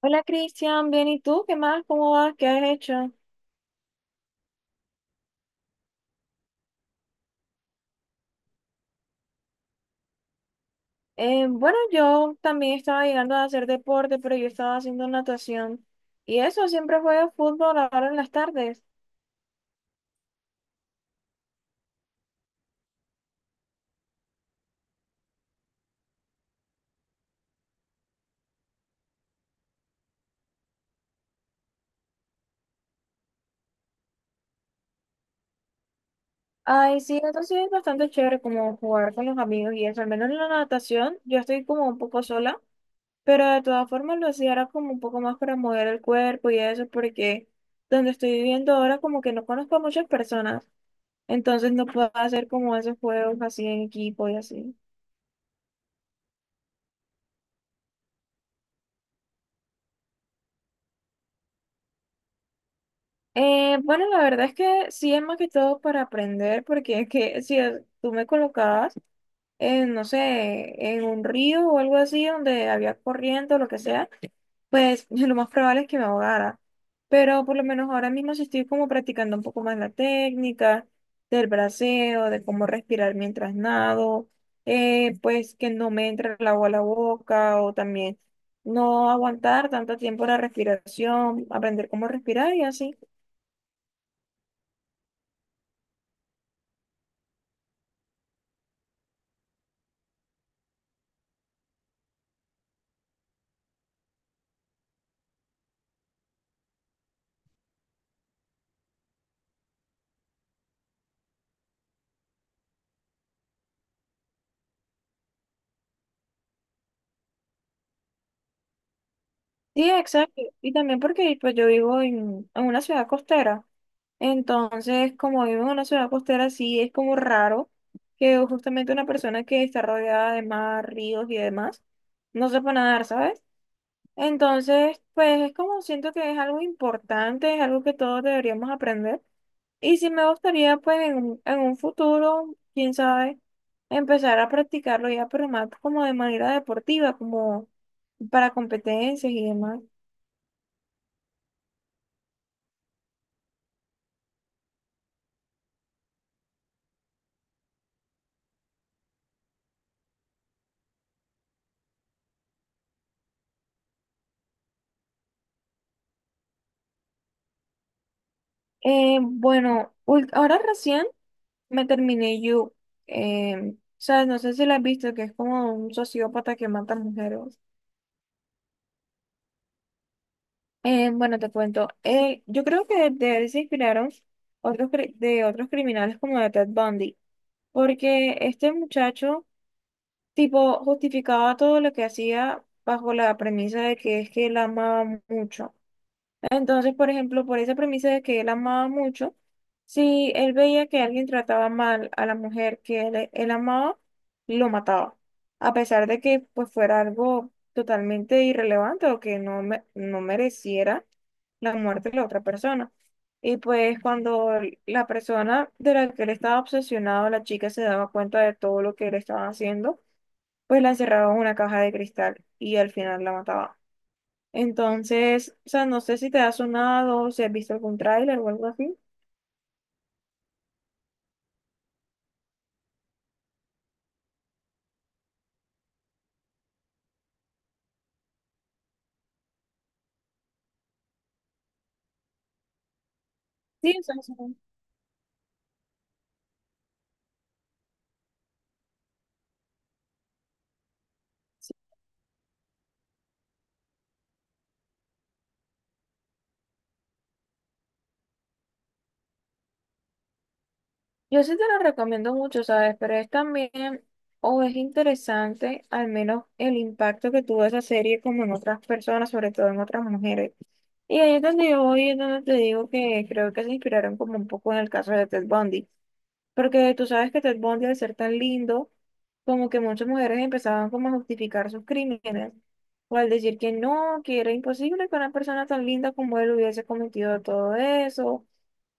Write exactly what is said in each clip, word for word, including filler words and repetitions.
Hola Cristian, bien, ¿y tú? ¿Qué más? ¿Cómo vas? ¿Qué has hecho? Eh, bueno, yo también estaba llegando a hacer deporte, pero yo estaba haciendo natación. Y eso, siempre juego fútbol ahora en las tardes. Ay, sí, eso sí es bastante chévere como jugar con los amigos y eso. Al menos en la natación, yo estoy como un poco sola, pero de todas formas lo hacía era como un poco más para mover el cuerpo y eso, porque donde estoy viviendo ahora como que no conozco a muchas personas. Entonces no puedo hacer como esos juegos así en equipo y así. Eh, bueno, la verdad es que sí es más que todo para aprender, porque es que si es- tú me colocabas en, no sé, en un río o algo así donde había corriente o lo que sea, pues lo más probable es que me ahogara. Pero por lo menos ahora mismo sí estoy como practicando un poco más la técnica del braceo, de cómo respirar mientras nado, eh, pues que no me entre el agua a la boca o también no aguantar tanto tiempo la respiración, aprender cómo respirar y así. Sí, exacto. Y también porque pues yo vivo en, en una ciudad costera. Entonces, como vivo en una ciudad costera, sí es como raro que justamente una persona que está rodeada de mar, ríos y demás, no sepa nadar, ¿sabes? Entonces, pues es como siento que es algo importante, es algo que todos deberíamos aprender. Y sí me gustaría, pues, en, un- en un futuro, quién sabe, empezar a practicarlo ya, pero más como de manera deportiva, como para competencias y demás. Eh, bueno, ul- ahora recién me terminé You. Eh, sabes, no sé si la has visto, que es como un sociópata que mata mujeres. Eh, bueno, te cuento. Eh, yo creo que de él se inspiraron otros cri- de otros criminales como de Ted Bundy, porque este muchacho, tipo, justificaba todo lo que hacía bajo la premisa de que es que él amaba mucho. Entonces, por ejemplo, por esa premisa de que él amaba mucho, si él veía que alguien trataba mal a la mujer que él, él amaba, lo mataba, a pesar de que pues fuera algo totalmente irrelevante o que no, me- no mereciera la muerte de la otra persona. Y pues cuando la persona de la que él estaba obsesionado, la chica se daba cuenta de todo lo que él estaba haciendo, pues la encerraba en una caja de cristal y al final la mataba. Entonces, o sea, no sé si te ha sonado, o si has visto algún tráiler o algo así. Sí, o sea, son- sí. Yo sí te la recomiendo mucho, ¿sabes? Pero es también, o es interesante, al menos el impacto que tuvo esa serie como en otras personas, sobre todo en otras mujeres. Y ahí es donde yo voy, es donde te digo que creo que se inspiraron como un poco en el caso de Ted Bundy. Porque tú sabes que Ted Bundy, al ser tan lindo, como que muchas mujeres empezaban como a justificar sus crímenes, o al decir que no, que era imposible que una persona tan linda como él hubiese cometido todo eso,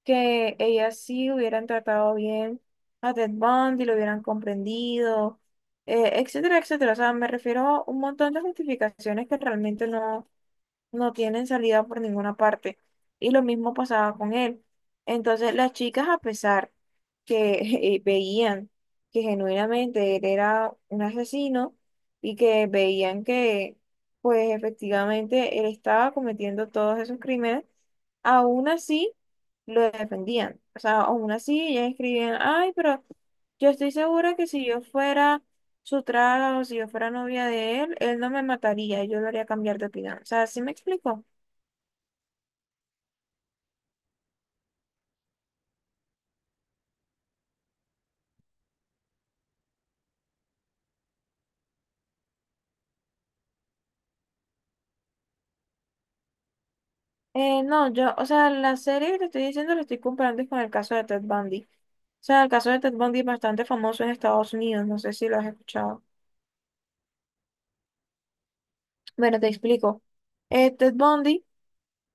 que ellas sí hubieran tratado bien a Ted Bundy, lo hubieran comprendido, eh, etcétera, etcétera. O sea, me refiero a un montón de justificaciones que realmente no no tienen salida por ninguna parte. Y lo mismo pasaba con él. Entonces las chicas, a pesar que eh, veían que genuinamente él era un asesino y que veían que pues efectivamente él estaba cometiendo todos esos crímenes, aún así lo defendían. O sea, aún así ellas escribían, ay, pero yo estoy segura que si yo fuera su trato, si yo fuera novia de él, él no me mataría, yo lo haría cambiar de opinión. O sea, ¿sí me explico? Eh, no, yo, o sea, la serie que te estoy diciendo la estoy comparando es con el caso de Ted Bundy. O sea, el caso de Ted Bundy es bastante famoso en Estados Unidos, no sé si lo has escuchado. Bueno, te explico. Eh, Ted Bundy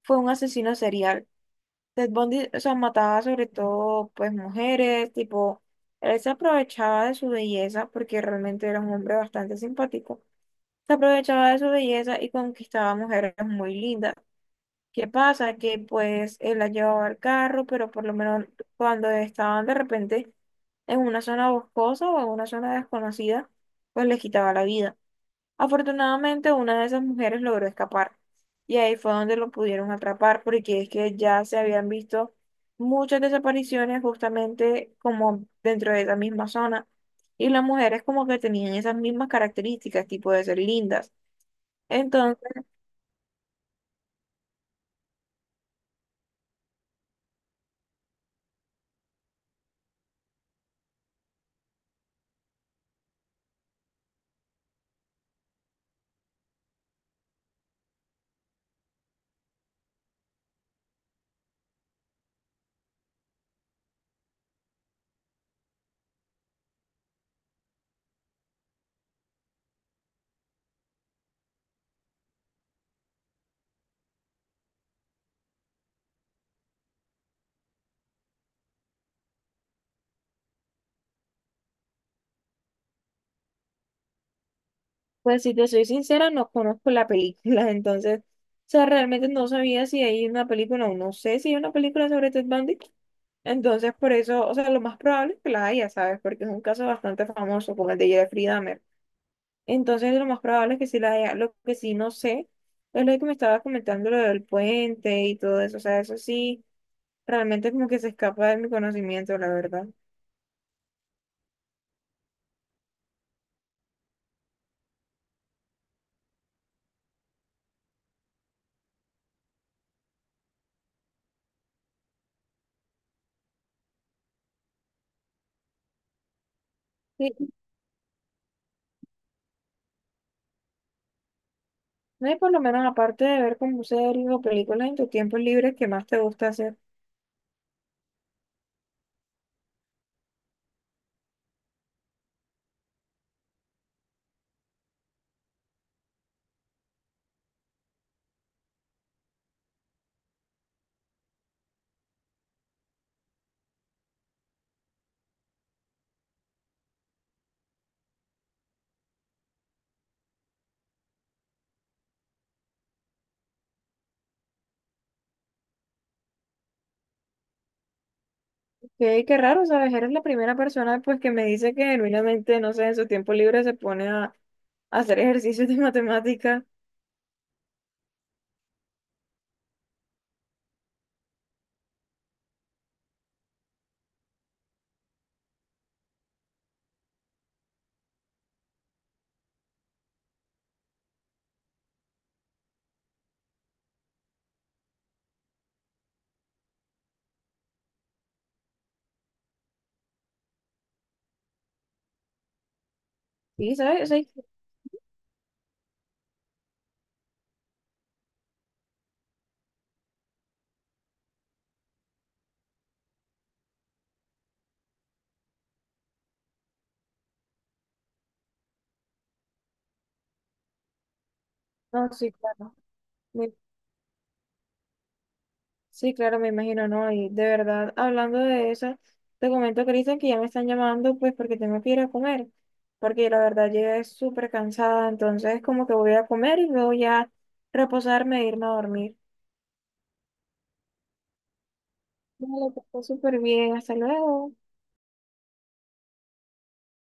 fue un asesino serial. Ted Bundy, o sea, mataba sobre todo, pues, mujeres, tipo, él se aprovechaba de su belleza porque realmente era un hombre bastante simpático. Se aprovechaba de su belleza y conquistaba mujeres muy lindas. ¿Qué pasa? Que pues él la llevaba al carro, pero por lo menos cuando estaban de repente en una zona boscosa o en una zona desconocida, pues les quitaba la vida. Afortunadamente, una de esas mujeres logró escapar y ahí fue donde lo pudieron atrapar porque es que ya se habían visto muchas desapariciones justamente como dentro de esa misma zona y las mujeres como que tenían esas mismas características, tipo de ser lindas. Entonces, pues si te soy sincera, no conozco la película, entonces, o sea, realmente no sabía si hay una película o no sé si hay una película sobre Ted Bundy. Entonces, por eso, o sea, lo más probable es que la haya, ¿sabes? Porque es un caso bastante famoso, como el de Jeffrey Dahmer. Entonces, lo más probable es que sí la haya. Lo que sí no sé es lo que me estaba comentando, lo del puente y todo eso. O sea, eso sí, realmente como que se escapa de mi conocimiento, la verdad. Sí, no hay por lo menos aparte de ver como series o películas en tu tiempo libre, ¿qué más te gusta hacer? Qué, qué raro, ¿sabes? Eres la primera persona pues que me dice que genuinamente, no sé, en su tiempo libre se pone a, a hacer ejercicios de matemática. Sí, ¿sabes? Sí, no, sí, claro. Me- sí, claro, me imagino, ¿no? Y de verdad, hablando de eso, te comento, Cristian, que ya me están llamando pues porque tengo que ir a comer, porque la verdad llegué súper cansada, entonces como que voy a comer y luego ya reposarme e irme a dormir. Vale, que estés súper bien, hasta luego.